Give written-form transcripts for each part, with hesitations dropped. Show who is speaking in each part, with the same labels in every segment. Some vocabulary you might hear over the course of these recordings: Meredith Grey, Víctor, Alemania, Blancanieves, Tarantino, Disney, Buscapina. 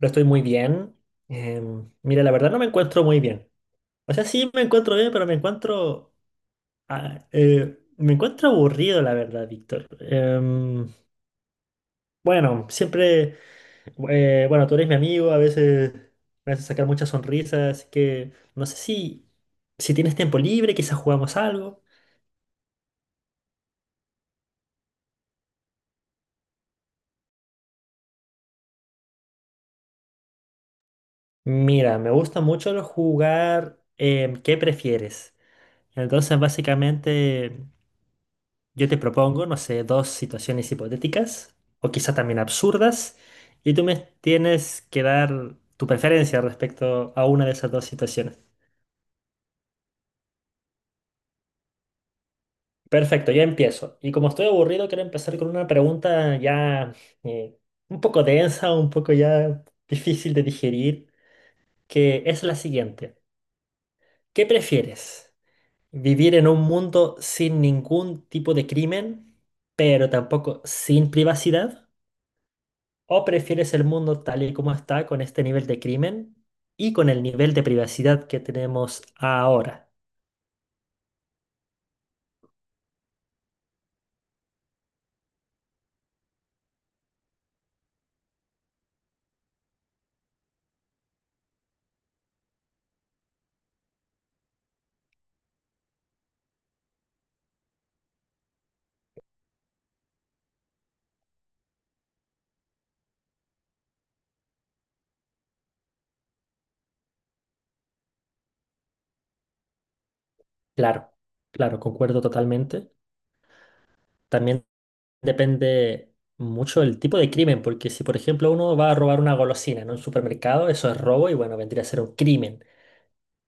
Speaker 1: No estoy muy bien. Mira, la verdad no me encuentro muy bien. O sea, sí me encuentro bien, pero me encuentro, me encuentro aburrido, la verdad, Víctor. Bueno, siempre, bueno, tú eres mi amigo, a veces me haces sacar muchas sonrisas, así que no sé si tienes tiempo libre, quizás jugamos algo. Mira, me gusta mucho lo jugar ¿qué prefieres? Entonces, básicamente. Yo te propongo, no sé, dos situaciones hipotéticas o quizá también absurdas y tú me tienes que dar tu preferencia respecto a una de esas dos situaciones. Perfecto, yo empiezo. Y como estoy aburrido, quiero empezar con una pregunta ya eh, un poco densa, un poco ya difícil de digerir, que es la siguiente. ¿Qué prefieres? ¿Vivir en un mundo sin ningún tipo de crimen, pero tampoco sin privacidad? ¿O prefieres el mundo tal y como está con este nivel de crimen y con el nivel de privacidad que tenemos ahora? Claro, claro, concuerdo totalmente. También depende mucho del tipo de crimen, porque si por ejemplo uno va a robar una golosina en un supermercado, eso es robo y bueno, vendría a ser un crimen.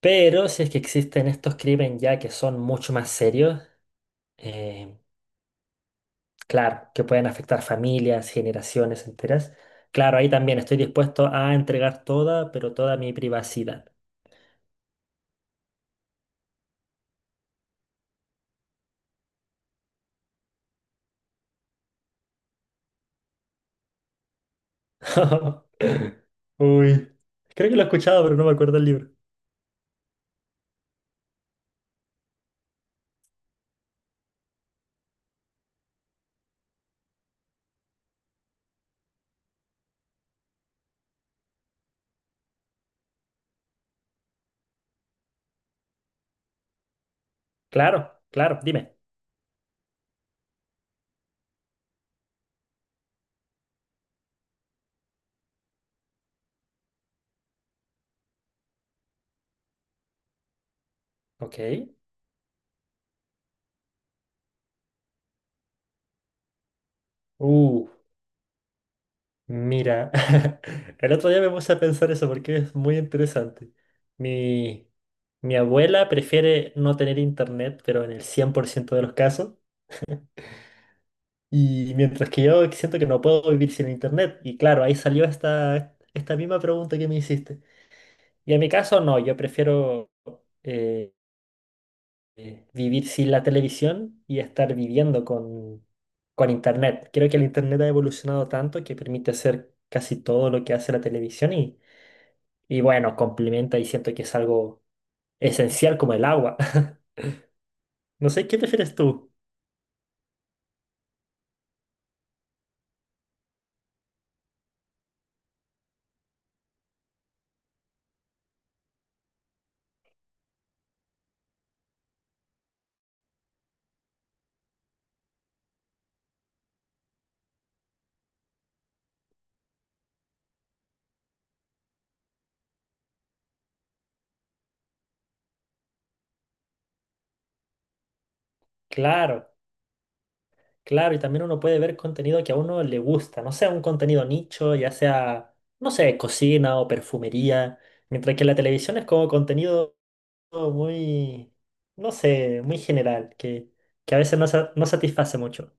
Speaker 1: Pero si es que existen estos crímenes ya que son mucho más serios, eh, claro, que pueden afectar familias, generaciones enteras. Claro, ahí también estoy dispuesto a entregar toda, pero toda mi privacidad. Uy, creo que lo he escuchado, pero no me acuerdo el libro. Claro, claro, dime. Ok. Uh, mira. El otro día me puse a pensar eso porque es muy interesante. Mi, mi abuela prefiere no tener internet, pero en el 100% de los casos. Y mientras que yo siento que no puedo vivir sin internet. Y claro, ahí salió esta misma pregunta que me hiciste. Y en mi caso, no, yo prefiero eh, vivir sin la televisión y estar viviendo con internet. Creo que el internet ha evolucionado tanto que permite hacer casi todo lo que hace la televisión y bueno, complementa y siento que es algo esencial como el agua. No sé, ¿qué prefieres tú? Claro. Claro, y también uno puede ver contenido que a uno le gusta, no sea un contenido nicho, ya sea, no sé, cocina o perfumería, mientras que la televisión es como contenido muy, no sé, muy general, que a veces no, sa- no satisface mucho.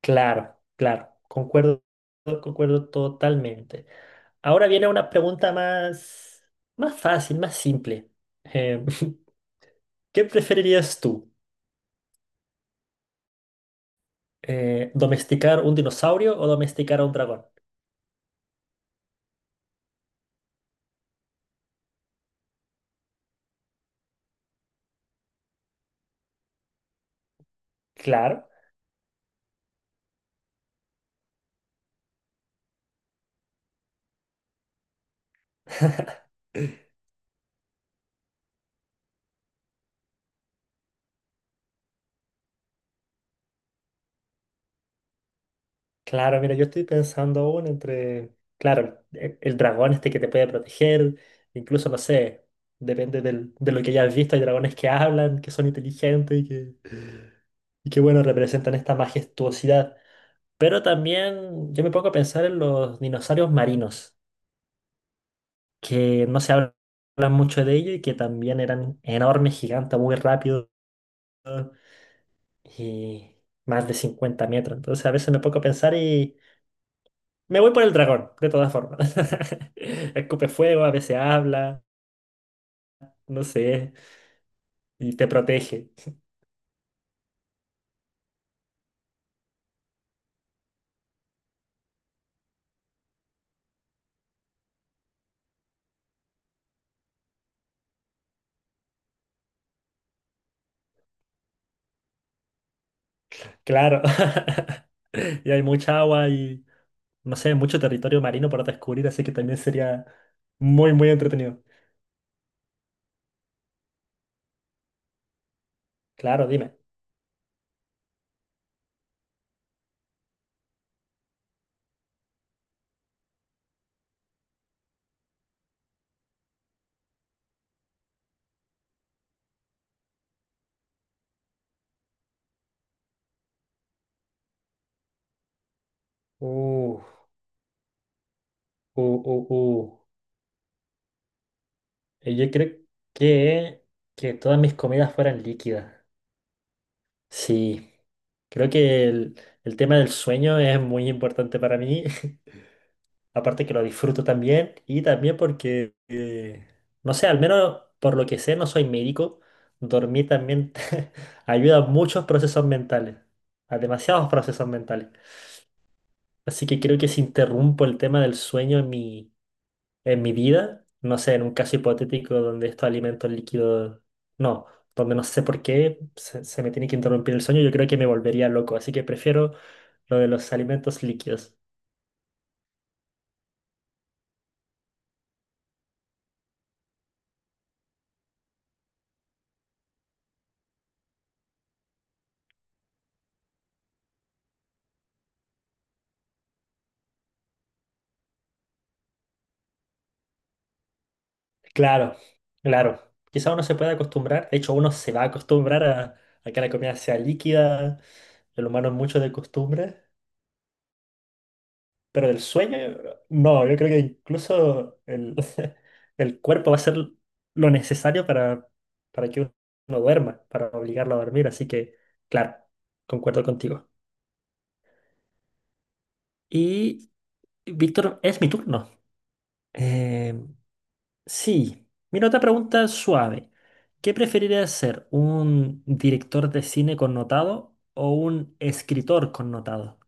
Speaker 1: Claro, claro, concuerdo, concuerdo totalmente. Ahora viene una pregunta más, más fácil, más simple. Em, ¿qué preferirías tú? ¿Domesticar un dinosaurio o domesticar a un dragón? Claro. Claro, mira, yo estoy pensando aún entre, claro, el, dragón este que te puede proteger, incluso no sé, depende de lo que hayas visto, hay dragones que hablan, que son inteligentes y que bueno, representan esta majestuosidad. Pero también yo me pongo a pensar en los dinosaurios marinos, que no se habla mucho de ellos y que también eran enormes, gigantes, muy rápidos y más de 50 metros. Entonces a veces me pongo a pensar y... Me voy por el dragón, de todas formas. Escupe fuego, a veces habla, no sé, y te protege. Claro. Y hay mucha agua y, no sé, mucho territorio marino para descubrir, así que también sería muy, muy entretenido. Claro, dime. Uh, uh, uh, uh. Yo creo que, que todas mis comidas fueran líquidas. Sí, creo que el tema del sueño es muy importante para mí. Aparte que lo disfruto también y también porque, no sé, al menos por lo que sé, no soy médico, dormir también ayuda a muchos procesos mentales, a demasiados procesos mentales. Así que creo que si interrumpo el tema del sueño en en mi vida, no sé, en un caso hipotético donde estos alimentos líquidos, no, donde no sé por qué se me tiene que interrumpir el sueño, yo creo que me volvería loco. Así que prefiero lo de los alimentos líquidos. Claro, claro. Quizá uno se pueda acostumbrar, de hecho uno se va a acostumbrar a que la comida sea líquida, el humano es mucho de costumbre, pero del sueño, no, yo creo que incluso el, el cuerpo va a hacer lo necesario para que uno duerma, para obligarlo a dormir, así que, claro, concuerdo contigo. Y, Víctor, es mi turno. Eh, Sí, mira otra pregunta suave. ¿Qué preferirías ser, un director de cine connotado o un escritor connotado?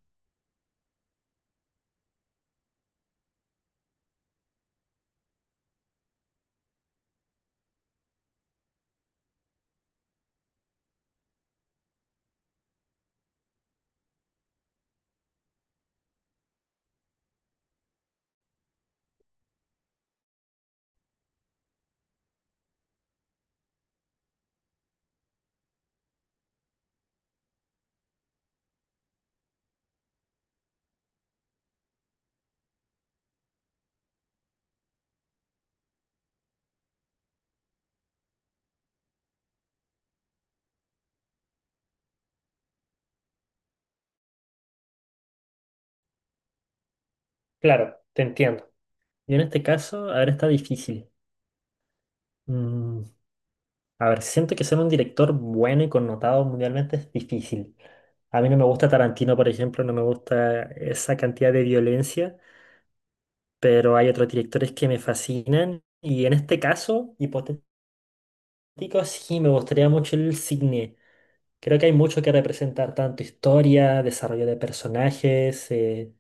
Speaker 1: Claro, te entiendo. Yo en este caso, a ver, está difícil. Mm, a ver, siento que ser un director bueno y connotado mundialmente es difícil. A mí no me gusta Tarantino, por ejemplo, no me gusta esa cantidad de violencia, pero hay otros directores que me fascinan y en este caso, hipotético, sí, me gustaría mucho el cine. Creo que hay mucho que representar, tanto historia, desarrollo de personajes,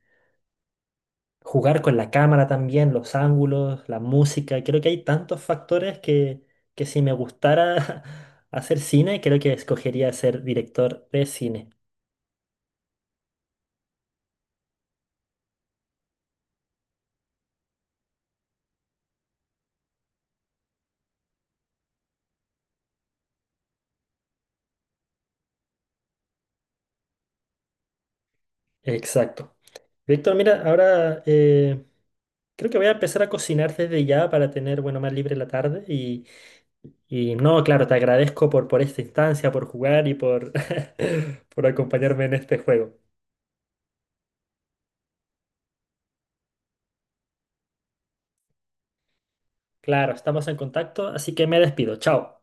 Speaker 1: jugar con la cámara también, los ángulos, la música. Creo que hay tantos factores que si me gustara hacer cine, creo que escogería ser director de cine. Exacto. Víctor, mira, ahora creo que voy a empezar a cocinar desde ya para tener, bueno, más libre la tarde. Y no, claro, te agradezco por esta instancia, por jugar y por, por acompañarme en este juego. Claro, estamos en contacto, así que me despido. Chao.